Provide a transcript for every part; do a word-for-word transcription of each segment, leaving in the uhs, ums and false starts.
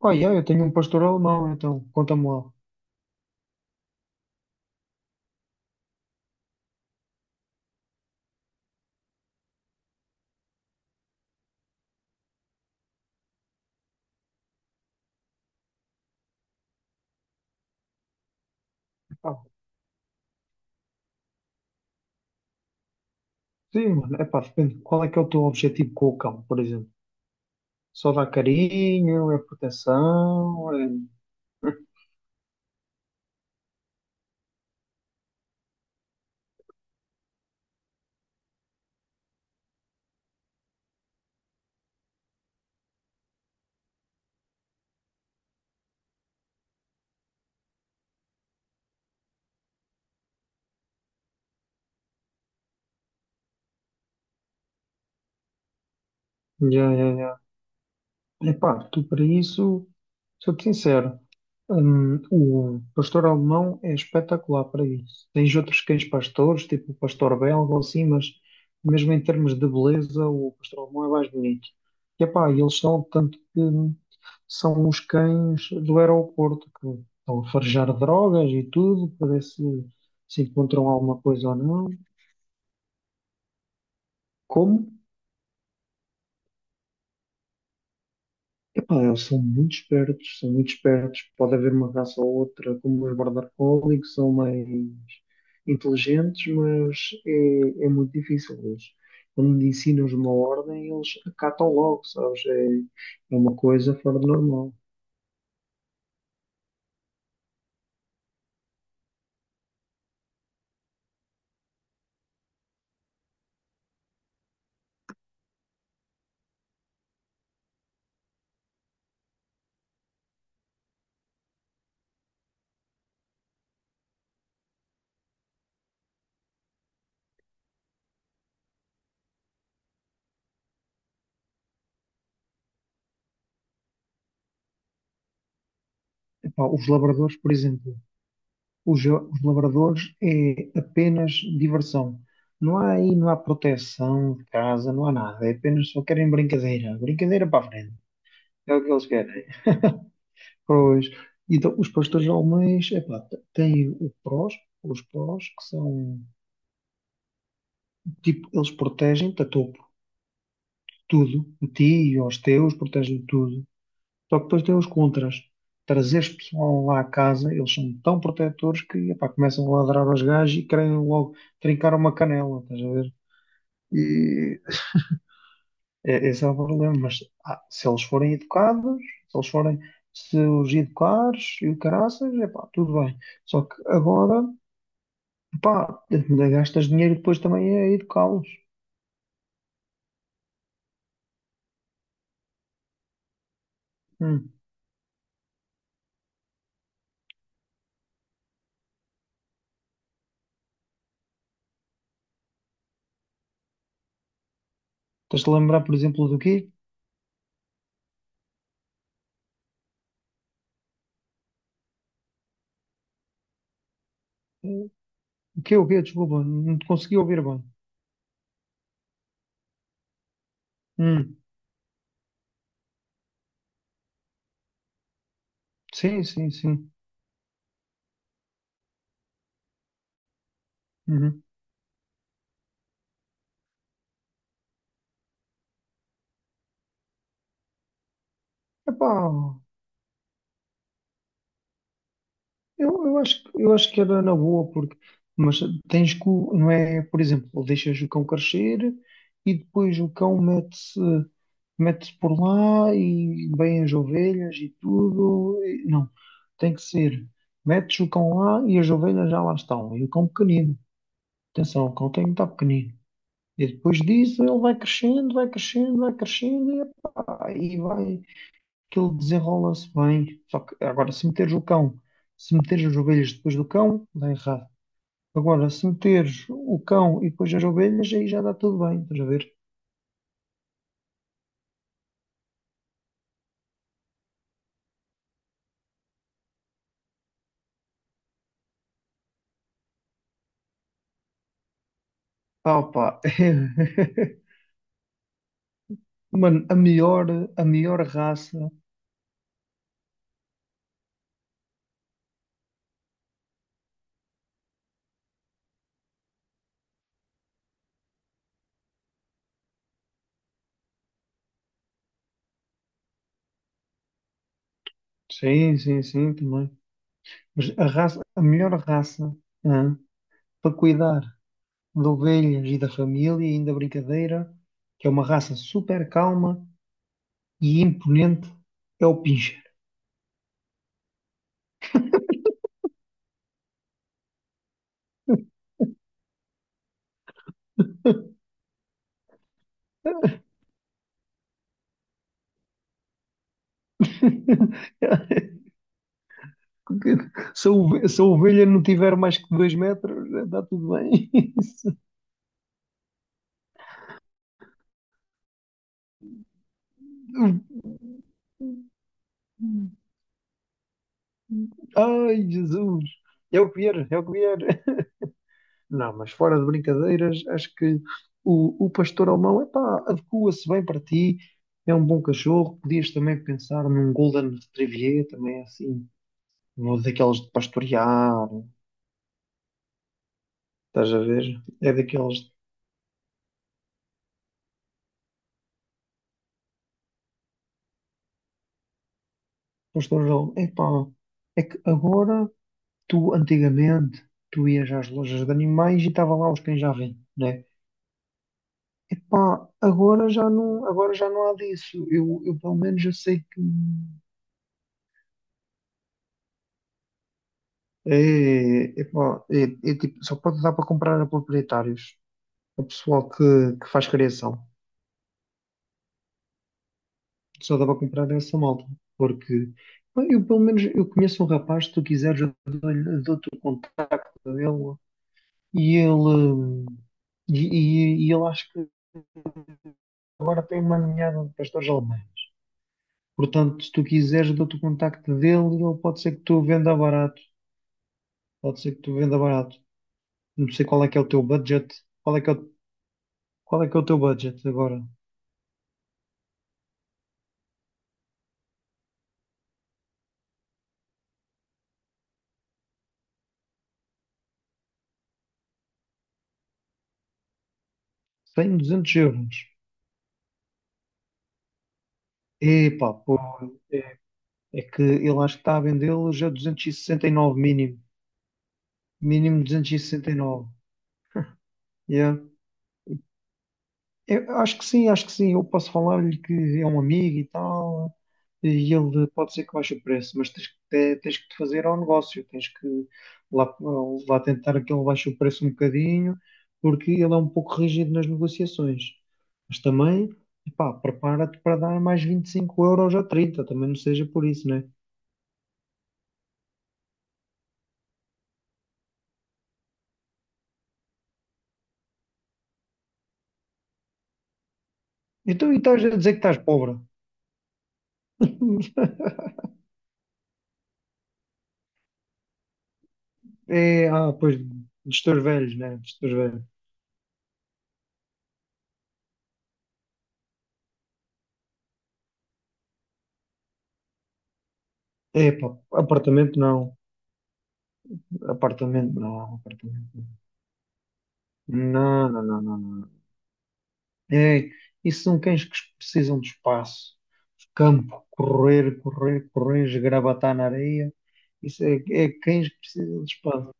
Pá, yeah, eu tenho um pastor alemão, então conta-me lá. Ah, sim, mano, é pá, depende. Qual é que é o teu objetivo com o cão, por exemplo? Só dar carinho, é proteção, é. Já, já, já. Epá, tu para isso, sou-te sincero. Hum, o pastor alemão é espetacular para isso. Tens outros cães pastores, tipo o pastor belga ou assim, mas mesmo em termos de beleza, o pastor alemão é mais bonito. E epá, eles são tanto que são os cães do aeroporto que estão a farejar drogas e tudo para ver se se encontram alguma coisa ou não. Como? Ah, eles são muito espertos, são muito espertos. Pode haver uma raça ou outra, como os Border Collie, que são mais inteligentes, mas é, é muito difícil. Eles, quando lhe ensinam uma ordem, eles acatam logo, sabes? É, é uma coisa fora do normal. Epá, os labradores, por exemplo, os, os labradores é apenas diversão. Não há aí, não há proteção de casa, não há nada. É apenas só querem brincadeira. Brincadeira para a frente. É o que eles querem. Pois, então os pastores alemães, epá, t- têm o prós, os prós, que são, tipo, eles protegem-te a topo, tudo, a ti e aos teus, protegem tudo. Só que depois têm os contras. Trazeres pessoal lá à casa, eles são tão protetores que, epá, começam a ladrar aos gajos e querem logo trincar uma canela, estás a ver? E é, esse é o problema, mas ah, se eles forem educados, se eles forem, se os educares e o caraças, epá, tudo bem. Só que agora pá, ainda gastas dinheiro depois também a educá-los. Hum. Tens de lembrar, por exemplo, do quê? O quê, o quê? Desculpa, não te consegui ouvir bem. Hum. Sim, sim, sim. Uhum. Epá, eu, eu acho, que- eu acho que era na boa, porque, mas tens que, o- não é, por exemplo, deixas o cão crescer e depois o cão mete-se, mete-se por lá e vêm as ovelhas e tudo. E- Não, tem que ser, metes o cão lá e as ovelhas já lá estão, e o cão pequenino. Atenção, o cão tem muito pequenino. E depois disso ele vai crescendo, vai crescendo, vai crescendo e, epá, e vai que ele desenrola-se bem. Só que agora se meteres o cão, se meteres as ovelhas depois do cão, dá errado. Agora, se meteres o cão e depois as ovelhas, aí já dá tudo bem, estás a ver? Ah, opa. Mano, a melhor, a melhor raça. Sim, sim, sim, também. Mas a raça, a melhor raça, hã, para cuidar Lovelhos e da família, ainda brincadeira, que é uma raça super calma e imponente, é o pincher. Se a ove- se a ovelha não tiver mais que dois metros, está tudo bem. Ai, Jesus! É o que vier, é o que vier. Não, mas fora de brincadeiras, acho que o, o pastor alemão, epá, adequa-se bem para ti, é um bom cachorro. Podias também pensar num Golden Retriever, também é assim. Não é daqueles de pastorear, estás a ver? É daqueles de pastorear. Epá, é que agora, tu antigamente, tu ias às lojas de animais e estava lá os cães já vêm, né? Epá, agora já não, agora já não há disso. Eu, eu pelo menos eu sei que é, epá, é, é tipo, só pode dar para comprar a proprietários, a pessoal que, que faz criação. Só dá para comprar essa malta, porque bem, eu, pelo menos, eu conheço um rapaz, se tu quiseres, eu dou-lhe- dou-te o dele e ele hum, e, e, e ele acho que agora tem uma ninhada de pastores alemães. Portanto, se tu quiseres, eu dou-te o contacto dele e ele pode ser que tu venda barato. Pode ser que tu venda barato. Não sei qual é que é o teu budget. Qual é que é o, qual é que é o teu budget agora? cem, duzentos euros. Epá, pô, é, é que ele acho que está a vendê-los a duzentos e sessenta e nove mínimo. Mínimo duzentos e sessenta e nove. Eu acho que sim, acho que sim. Eu posso falar-lhe que é um amigo e tal, e ele pode ser que baixe o preço, mas tens que, te- tens que te fazer ao negócio, tens que lá, lá tentar que ele baixe o preço um bocadinho, porque ele é um pouco rígido nas negociações. Mas também, pá, prepara-te para dar mais vinte e cinco euros ou trinta, também não seja por isso, né? Então, e estás a dizer que estás pobre? É, ah, pois, dos teus velhos, né? Dos teus velhos. É, pá, apartamento não. Apartamento, não, apartamento. Não, não, não, não, não. É, isso são cães que precisam de espaço, campo, correr, correr, correr, esgravatar na areia. Isso é, é cães que precisam de espaço.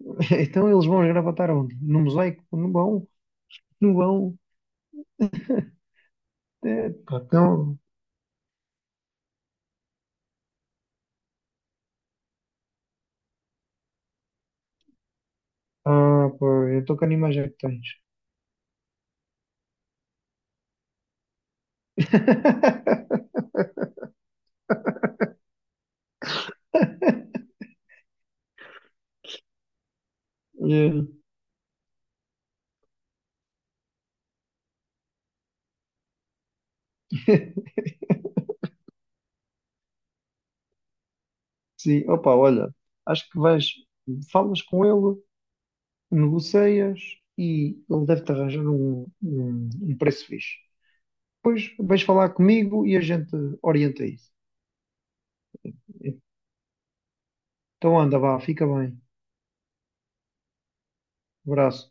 Então eles vão esgravatar onde? No mosaico? Não vão, não vão. É, pá, então, ah, pá, eu estou com animais é que tens. É. Sim, opa, olha, acho que vais, falas com ele, negocias e ele deve-te arranjar um, um, um preço fixe. Depois vais falar comigo e a gente orienta isso. Então anda, vá, fica bem. Abraço.